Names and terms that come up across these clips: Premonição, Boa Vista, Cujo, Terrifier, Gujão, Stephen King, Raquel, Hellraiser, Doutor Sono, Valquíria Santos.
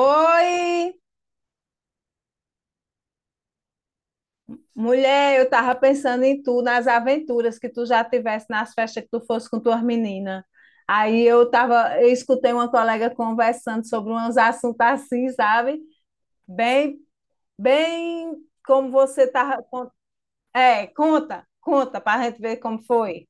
Oi, mulher, eu tava pensando em tu, nas aventuras que tu já tivesse nas festas que tu fosse com tuas meninas. Aí eu tava, eu escutei uma colega conversando sobre uns assuntos assim, sabe? Bem, bem como você tava. Con- é, conta, pra gente ver como foi.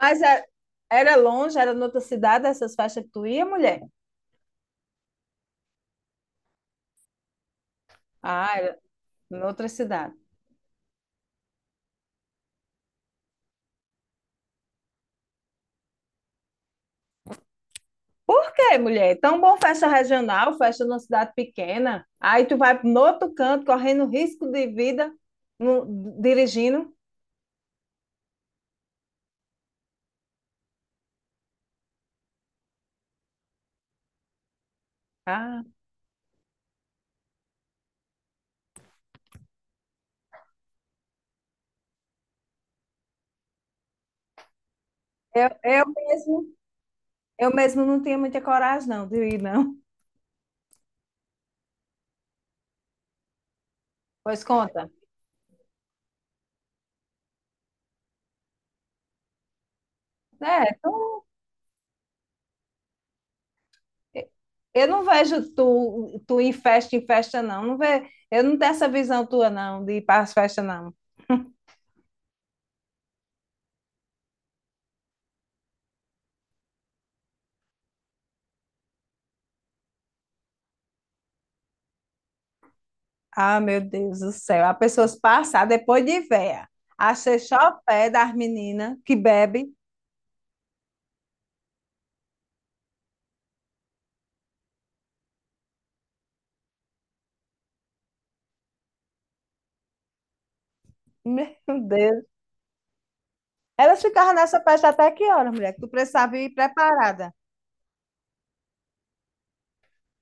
Mas é- Era longe, era noutra cidade essas festas que tu ia, mulher? Ah, era noutra cidade. Por quê, mulher? Tão bom festa regional, festa numa cidade pequena. Aí tu vai no outro canto, correndo risco de vida, no- dirigindo. Ah, eu mesmo, eu mesmo não tinha muita coragem, não, de ir, não. Pois conta. É, tu, eu não vejo tu em festa, não. Não ve, eu não tenho essa visão tua, não, de ir para as festas, não. Ah, meu Deus do céu. As pessoas passam depois de véia. Achei só o pé das meninas que bebe. Meu Deus. Elas ficavam nessa festa até que horas, mulher? Que tu precisava ir preparada.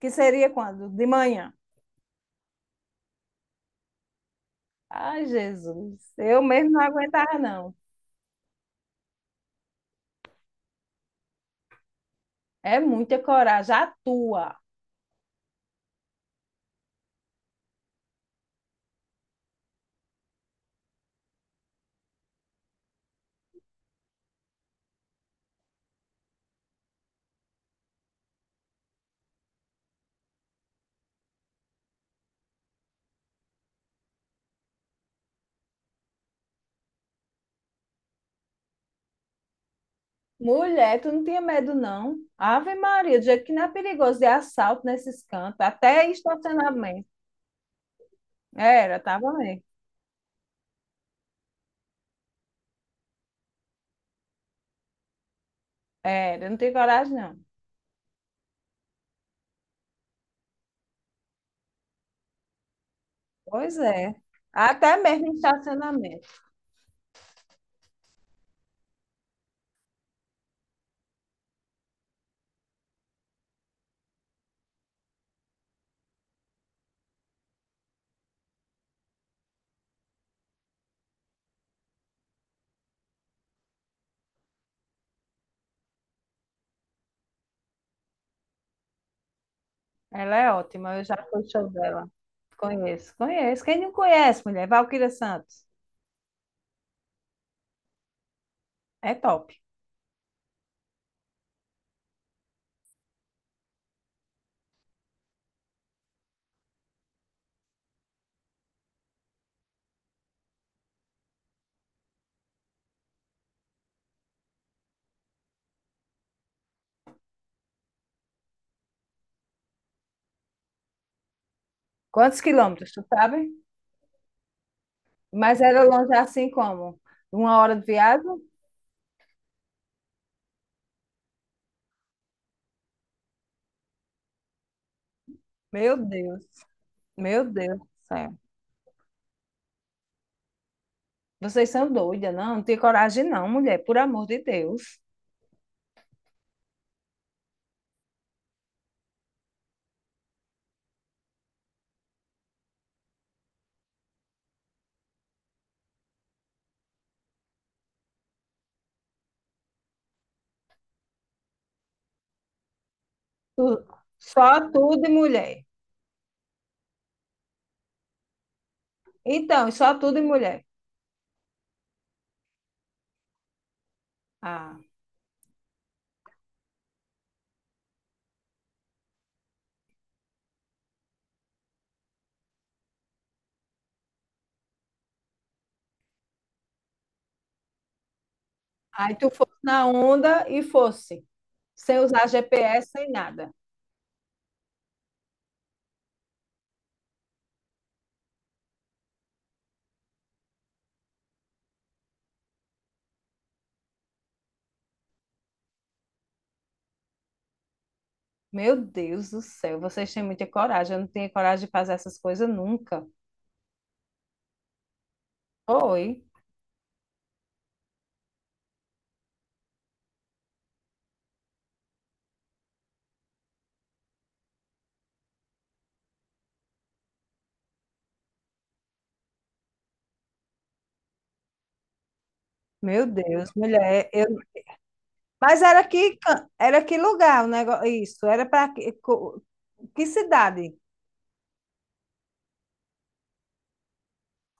Que seria quando? De manhã. Ai, Jesus. Eu mesmo não aguentava, não. É muita coragem. A tua. Mulher, tu não tinha medo, não. Ave Maria, do jeito que não é perigoso de assalto nesses cantos, até estacionamento. Era, tava mesmo. Era, eu não tinha coragem, não. Pois é. Até mesmo em estacionamento. Ela é ótima, eu já fui show dela. Conheço, conheço. Quem não conhece, mulher? Valquíria Santos. É top. Quantos quilômetros, tu sabe? Mas era longe assim como? Uma hora de viagem? Meu Deus, meu Deus do céu. Vocês são doidas, não? Não tem coragem, não, mulher, por amor de Deus. Tu- só tudo e mulher. Então, só tudo e mulher. Ah, aí tu fosse na onda e fosse, sem usar GPS, sem nada. Meu Deus do céu, vocês têm muita coragem. Eu não tinha coragem de fazer essas coisas nunca. Oi. Meu Deus, mulher, eu... mas era que can- era que lugar o negócio, isso, era para que, co- que cidade?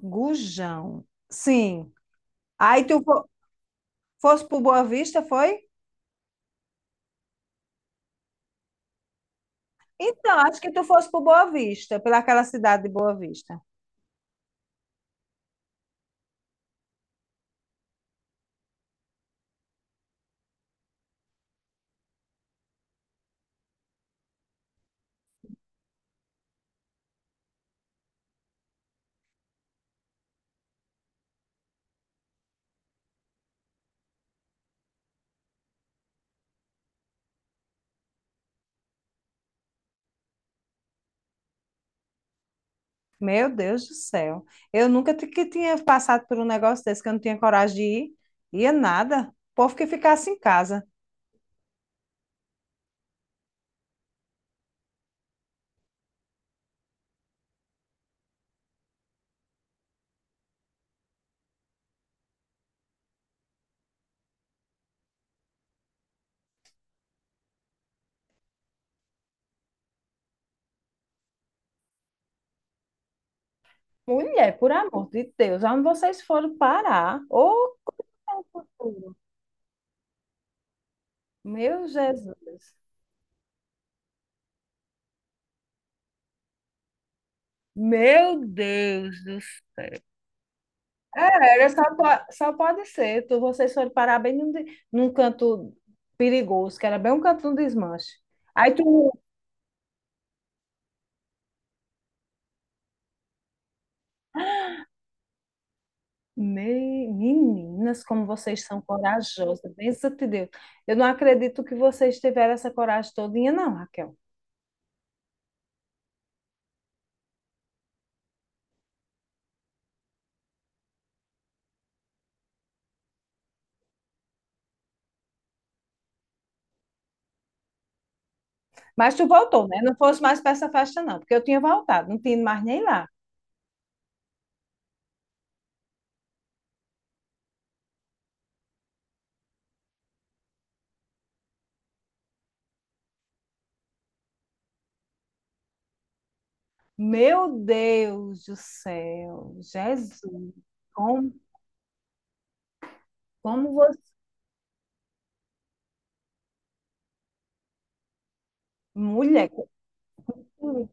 Gujão. Sim. Aí tu fo- fosse para Boa Vista, foi? Então, acho que tu fosse para Boa Vista, pelaquela cidade de Boa Vista. Meu Deus do céu. Eu nunca ti- que tinha passado por um negócio desse que eu não tinha coragem de ir. Ia nada. O povo que ficasse em casa. Mulher, por amor de Deus, onde vocês foram parar? Ô, meu Jesus. Meu Deus do céu. Só, po- só pode ser. Tu, vocês foram parar bem num, de- num canto perigoso, que era bem um canto de um desmanche. Aí tu. Me- meninas, como vocês são corajosas, bênção de Deus. Eu não acredito que vocês tiveram essa coragem todinha, não, Raquel. Mas tu voltou, né? Não fosse mais para essa festa, não, porque eu tinha voltado, não tinha ido mais nem lá. Meu Deus do céu, Jesus, como, como você. Mulher, sim.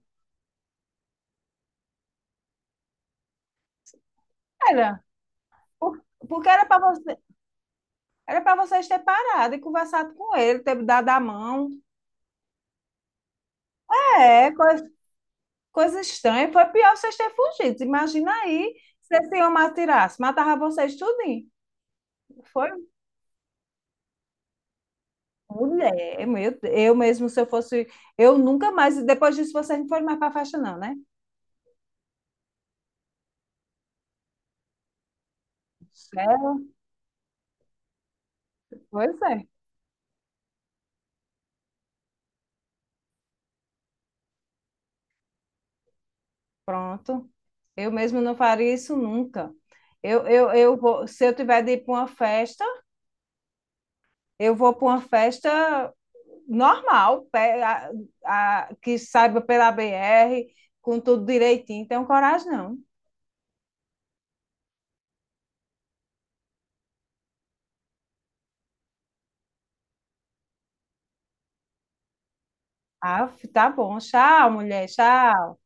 Era, por- porque era para você, era para vocês ter parado e conversado com ele, ter dado a mão. É, coisa, coisa estranha. Foi pior vocês terem fugido. Imagina aí se esse homem atirasse, matava vocês tudinho. Foi mulher, meu Deus. Eu mesmo, se eu fosse, eu nunca mais, depois disso vocês não foram mais para festa não, né? É, pois é. Pronto. Eu mesmo não faria isso nunca. Eu vou, se eu tiver de ir para uma festa, eu vou para uma festa normal, pe- a- que saiba pela BR, com tudo direitinho. Tenho coragem, não. Ah, tá bom. Tchau, mulher. Tchau.